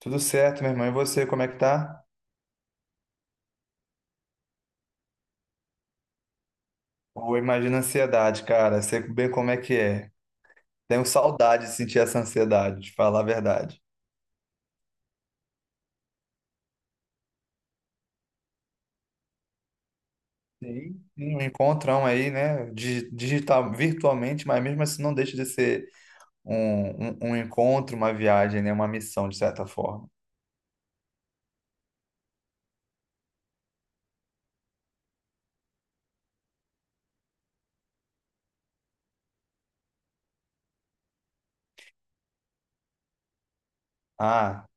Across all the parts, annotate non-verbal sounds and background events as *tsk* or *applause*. Tudo certo, meu irmão. E você, como é que tá? Ou imagina a ansiedade, cara. Sei bem como é que é. Tenho saudade de sentir essa ansiedade, de falar a verdade. Sim. Sim, um encontrão aí, né? Digital, virtualmente, mas mesmo assim não deixa de ser um encontro, uma viagem, né? Uma missão, de certa forma. Ah,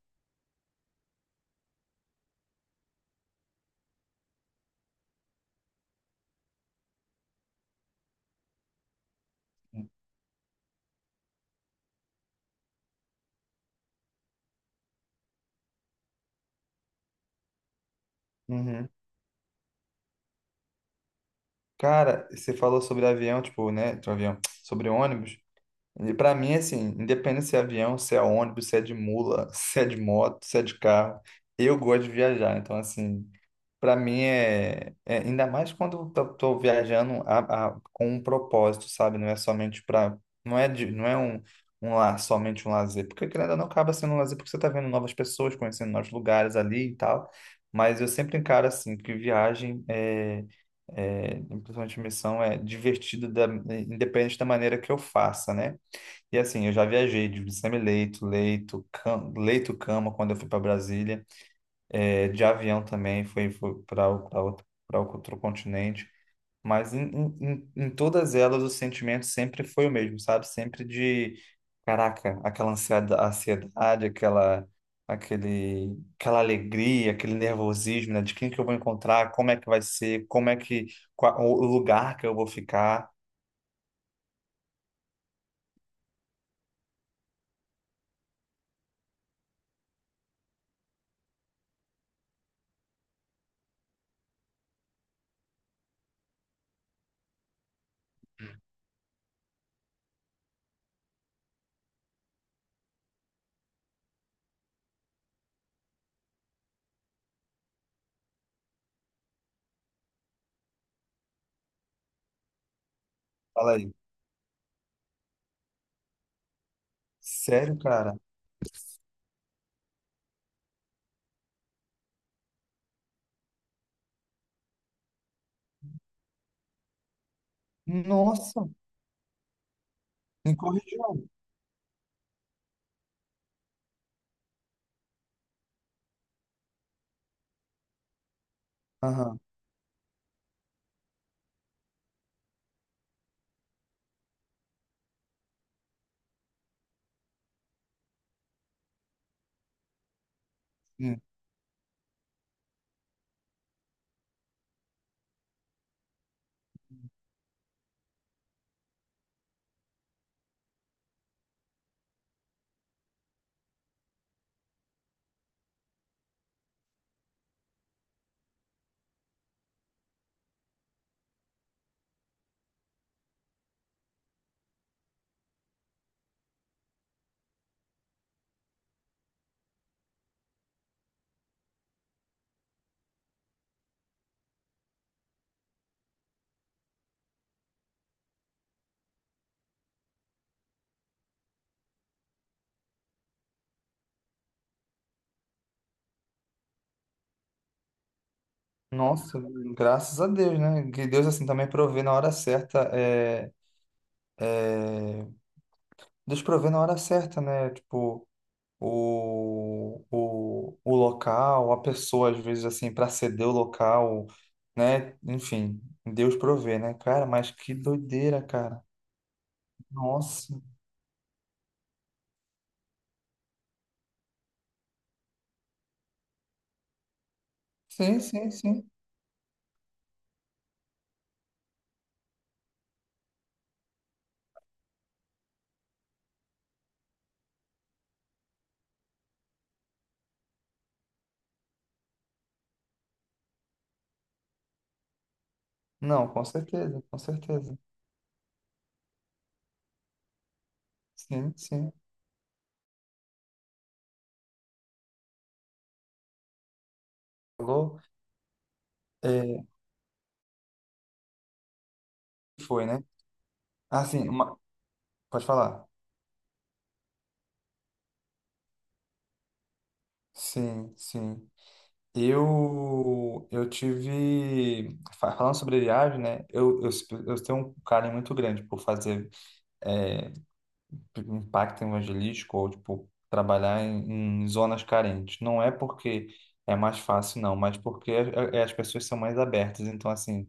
uhum. Cara, você falou sobre avião, tipo, né? Sobre avião, *tsk* sobre ônibus. E pra mim, assim, independente se é avião, se é ônibus, se é de mula, *laughs* se é de moto, se é de carro, eu gosto de viajar. Então, assim, para mim é, ainda mais quando eu tô viajando com um propósito, sabe? Não é somente para, não é de, não é um, um la- somente um lazer, porque querendo ou não acaba sendo um lazer porque você tá vendo novas pessoas, conhecendo novos lugares ali e tal. Mas eu sempre encaro assim que viagem é, principalmente missão é divertido da, independente da maneira que eu faça, né? E assim, eu já viajei de semi-leito, leito, leito, cama quando eu fui para Brasília, de avião também, fui pra outro continente. Mas em todas elas o sentimento sempre foi o mesmo, sabe? Sempre de, caraca, aquela ansiedade, aquele, aquela alegria, aquele nervosismo, né? De quem que eu vou encontrar, como é que vai ser, como é que, qual, o lugar que eu vou ficar. Fala aí. Sério, cara? Nossa, em correção. Aham. Hum. Nossa, graças a Deus, né? Que Deus assim também provê na hora certa. É, é... Deus provê na hora certa, né? Tipo, o local, a pessoa, às vezes, assim, para ceder o local, né? Enfim, Deus provê, né? Cara, mas que doideira, cara. Nossa. Sim, sim, sim. Não, com certeza, com certeza. Sim, sim. Falou? É, foi, né? Assim, uma... pode falar. Sim, sim. Falando sobre viagem, né? Eu tenho um carinho muito grande por fazer é, impacto evangelístico ou, tipo, trabalhar em zonas carentes. Não é porque é mais fácil, não, mas porque as pessoas são mais abertas. Então, assim,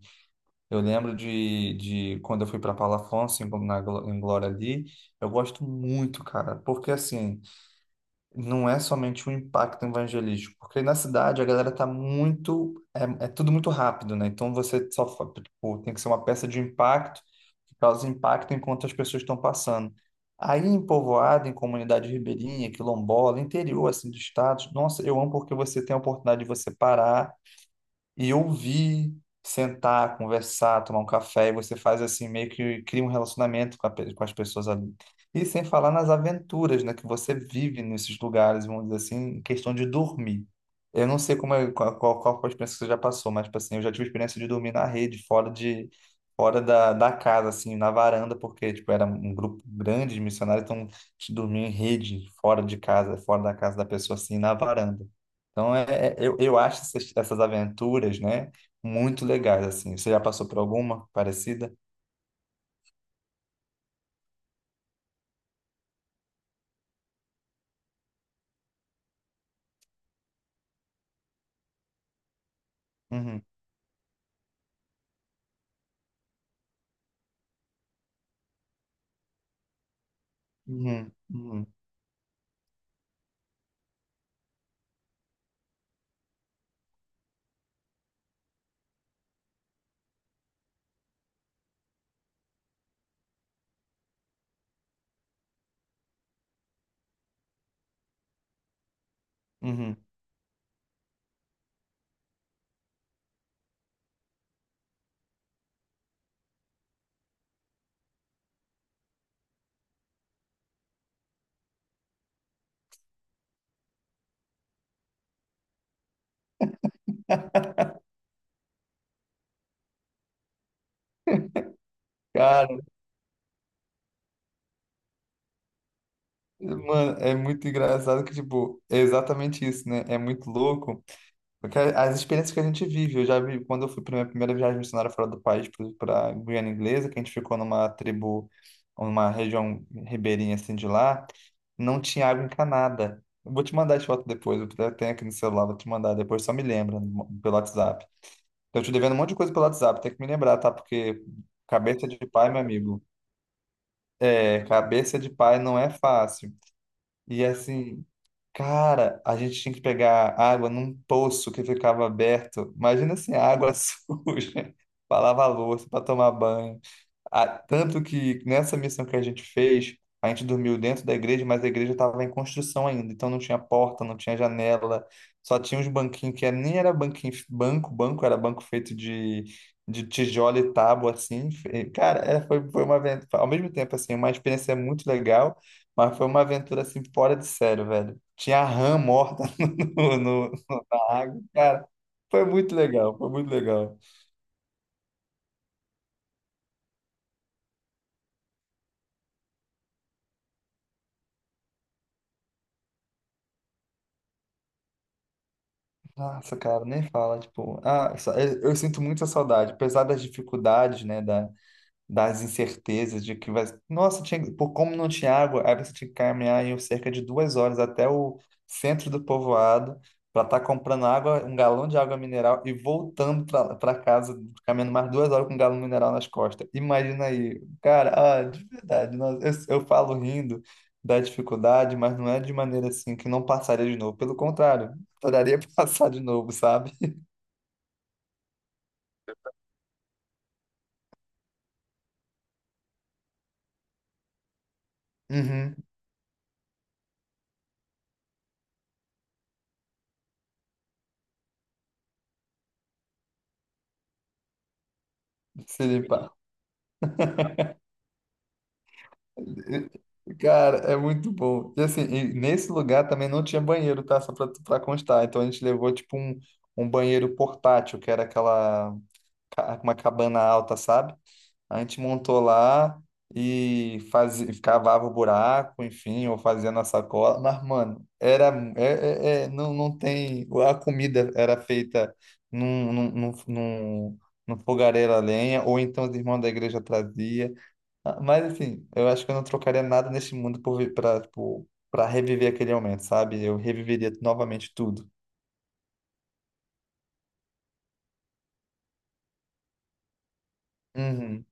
eu lembro de quando eu fui para Paulo Afonso, em Glória ali, eu gosto muito, cara, porque, assim, não é somente um impacto evangelístico, porque na cidade a galera tá muito, é tudo muito rápido, né? Então você só, tipo, tem que ser uma peça de impacto que causa impacto enquanto as pessoas estão passando. Aí em povoado, em comunidade ribeirinha, quilombola, interior assim do estado, nossa, eu amo porque você tem a oportunidade de você parar e ouvir, sentar, conversar, tomar um café, e você faz assim, meio que cria um relacionamento com, com as pessoas ali. E sem falar nas aventuras, né, que você vive nesses lugares, vamos dizer assim, em questão de dormir. Eu não sei como é, qual foi a experiência que você já passou, mas, tipo assim, eu já tive a experiência de dormir na rede, fora da casa, assim, na varanda, porque, tipo, era um grupo grande de missionários, então, a gente dormia em rede, fora de casa, fora da casa da pessoa, assim, na varanda. Então, eu acho essas aventuras, né, muito legais, assim. Você já passou por alguma parecida? Uhum, uhum, uhum, uhum. *laughs* Cara, mano, é muito engraçado que, tipo, é exatamente isso, né? É muito louco. Porque as experiências que a gente vive, eu já vi quando eu fui para minha primeira viagem missionária fora do país, para Guiana Inglesa, que a gente ficou numa tribo, numa região ribeirinha assim de lá, não tinha água encanada. Eu vou te mandar as fotos depois, eu até tenho aqui no celular, vou te mandar depois, só me lembra pelo WhatsApp. Eu te devendo um monte de coisa pelo WhatsApp, tem que me lembrar, tá? Porque cabeça de pai, meu amigo, é, cabeça de pai não é fácil. E assim, cara, a gente tinha que pegar água num poço que ficava aberto. Imagina assim, água *laughs* suja, pra lavar louça, pra tomar banho. Tanto que nessa missão que a gente fez, a gente dormiu dentro da igreja, mas a igreja estava em construção ainda, então não tinha porta, não tinha janela, só tinha uns banquinhos que nem era banquinho, banco, banco, era banco feito de tijolo e tábua, assim. E, cara, foi uma aventura, ao mesmo tempo, assim, uma experiência muito legal, mas foi uma aventura, assim, fora de sério, velho. Tinha rã morta *laughs* no, no- na água, cara, foi muito legal, foi muito legal. Nossa, cara, nem fala, tipo, ah, eu sinto muita saudade, apesar das dificuldades, né, das incertezas de que vai. Nossa, tinha... por como não tinha água, aí você tinha que caminhar em cerca de 2 horas até o centro do povoado para estar comprando água, um galão de água mineral e voltando para casa, caminhando mais 2 horas com um galão mineral nas costas. Imagina aí, cara, ah, de verdade, nossa, eu falo rindo da dificuldade, mas não é de maneira assim que não passaria de novo. Pelo contrário, adoraria *laughs* passar de novo, sabe? Uhum, se cara, é muito bom. E assim, e nesse lugar também não tinha banheiro, tá? Só pra constar. Então a gente levou tipo um banheiro portátil, que era aquela uma cabana alta, sabe? A gente montou lá e fazia, cavava o buraco, enfim, ou fazia na sacola. Mas, mano, era não, não tem. A comida era feita num, num, num, num, num fogareiro a lenha, ou então os irmãos da igreja traziam. Ah, mas assim, eu acho que eu não trocaria nada nesse mundo por pra, tipo, pra reviver aquele momento, sabe? Eu reviveria novamente tudo. Uhum.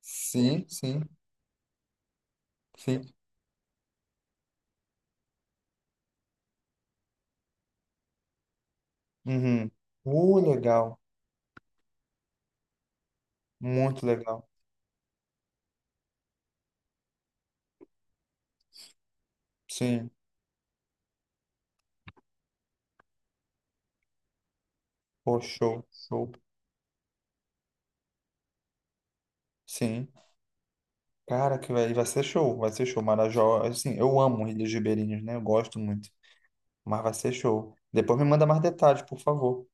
Sim, sim, sim. Uhum. Legal. Muito legal. Sim. Pô, show, show. Sim. Cara, que vai ser show, vai ser show. Marajó, assim, eu amo Ilhas Ribeirinhas, né? Eu gosto muito. Mas vai ser show. Depois me manda mais detalhes, por favor.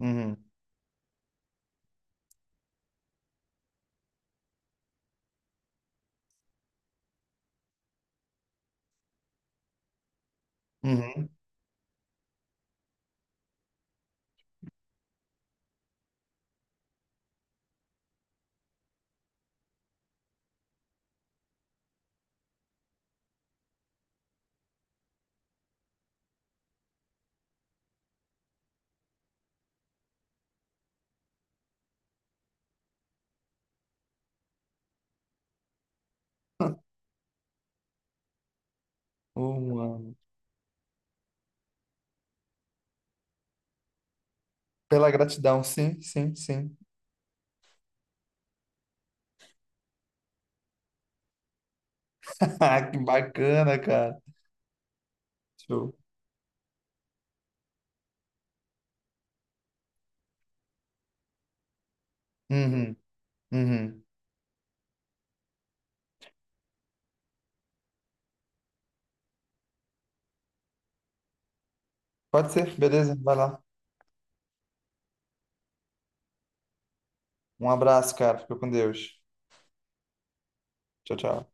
Uhum. Uhum. *laughs* Mano. Pela gratidão, sim, sim, sim. *laughs* Que bacana, cara. Show. Uhum, uhum. Pode ser, beleza? Vai lá. Um abraço, cara. Fica com Deus. Tchau, tchau.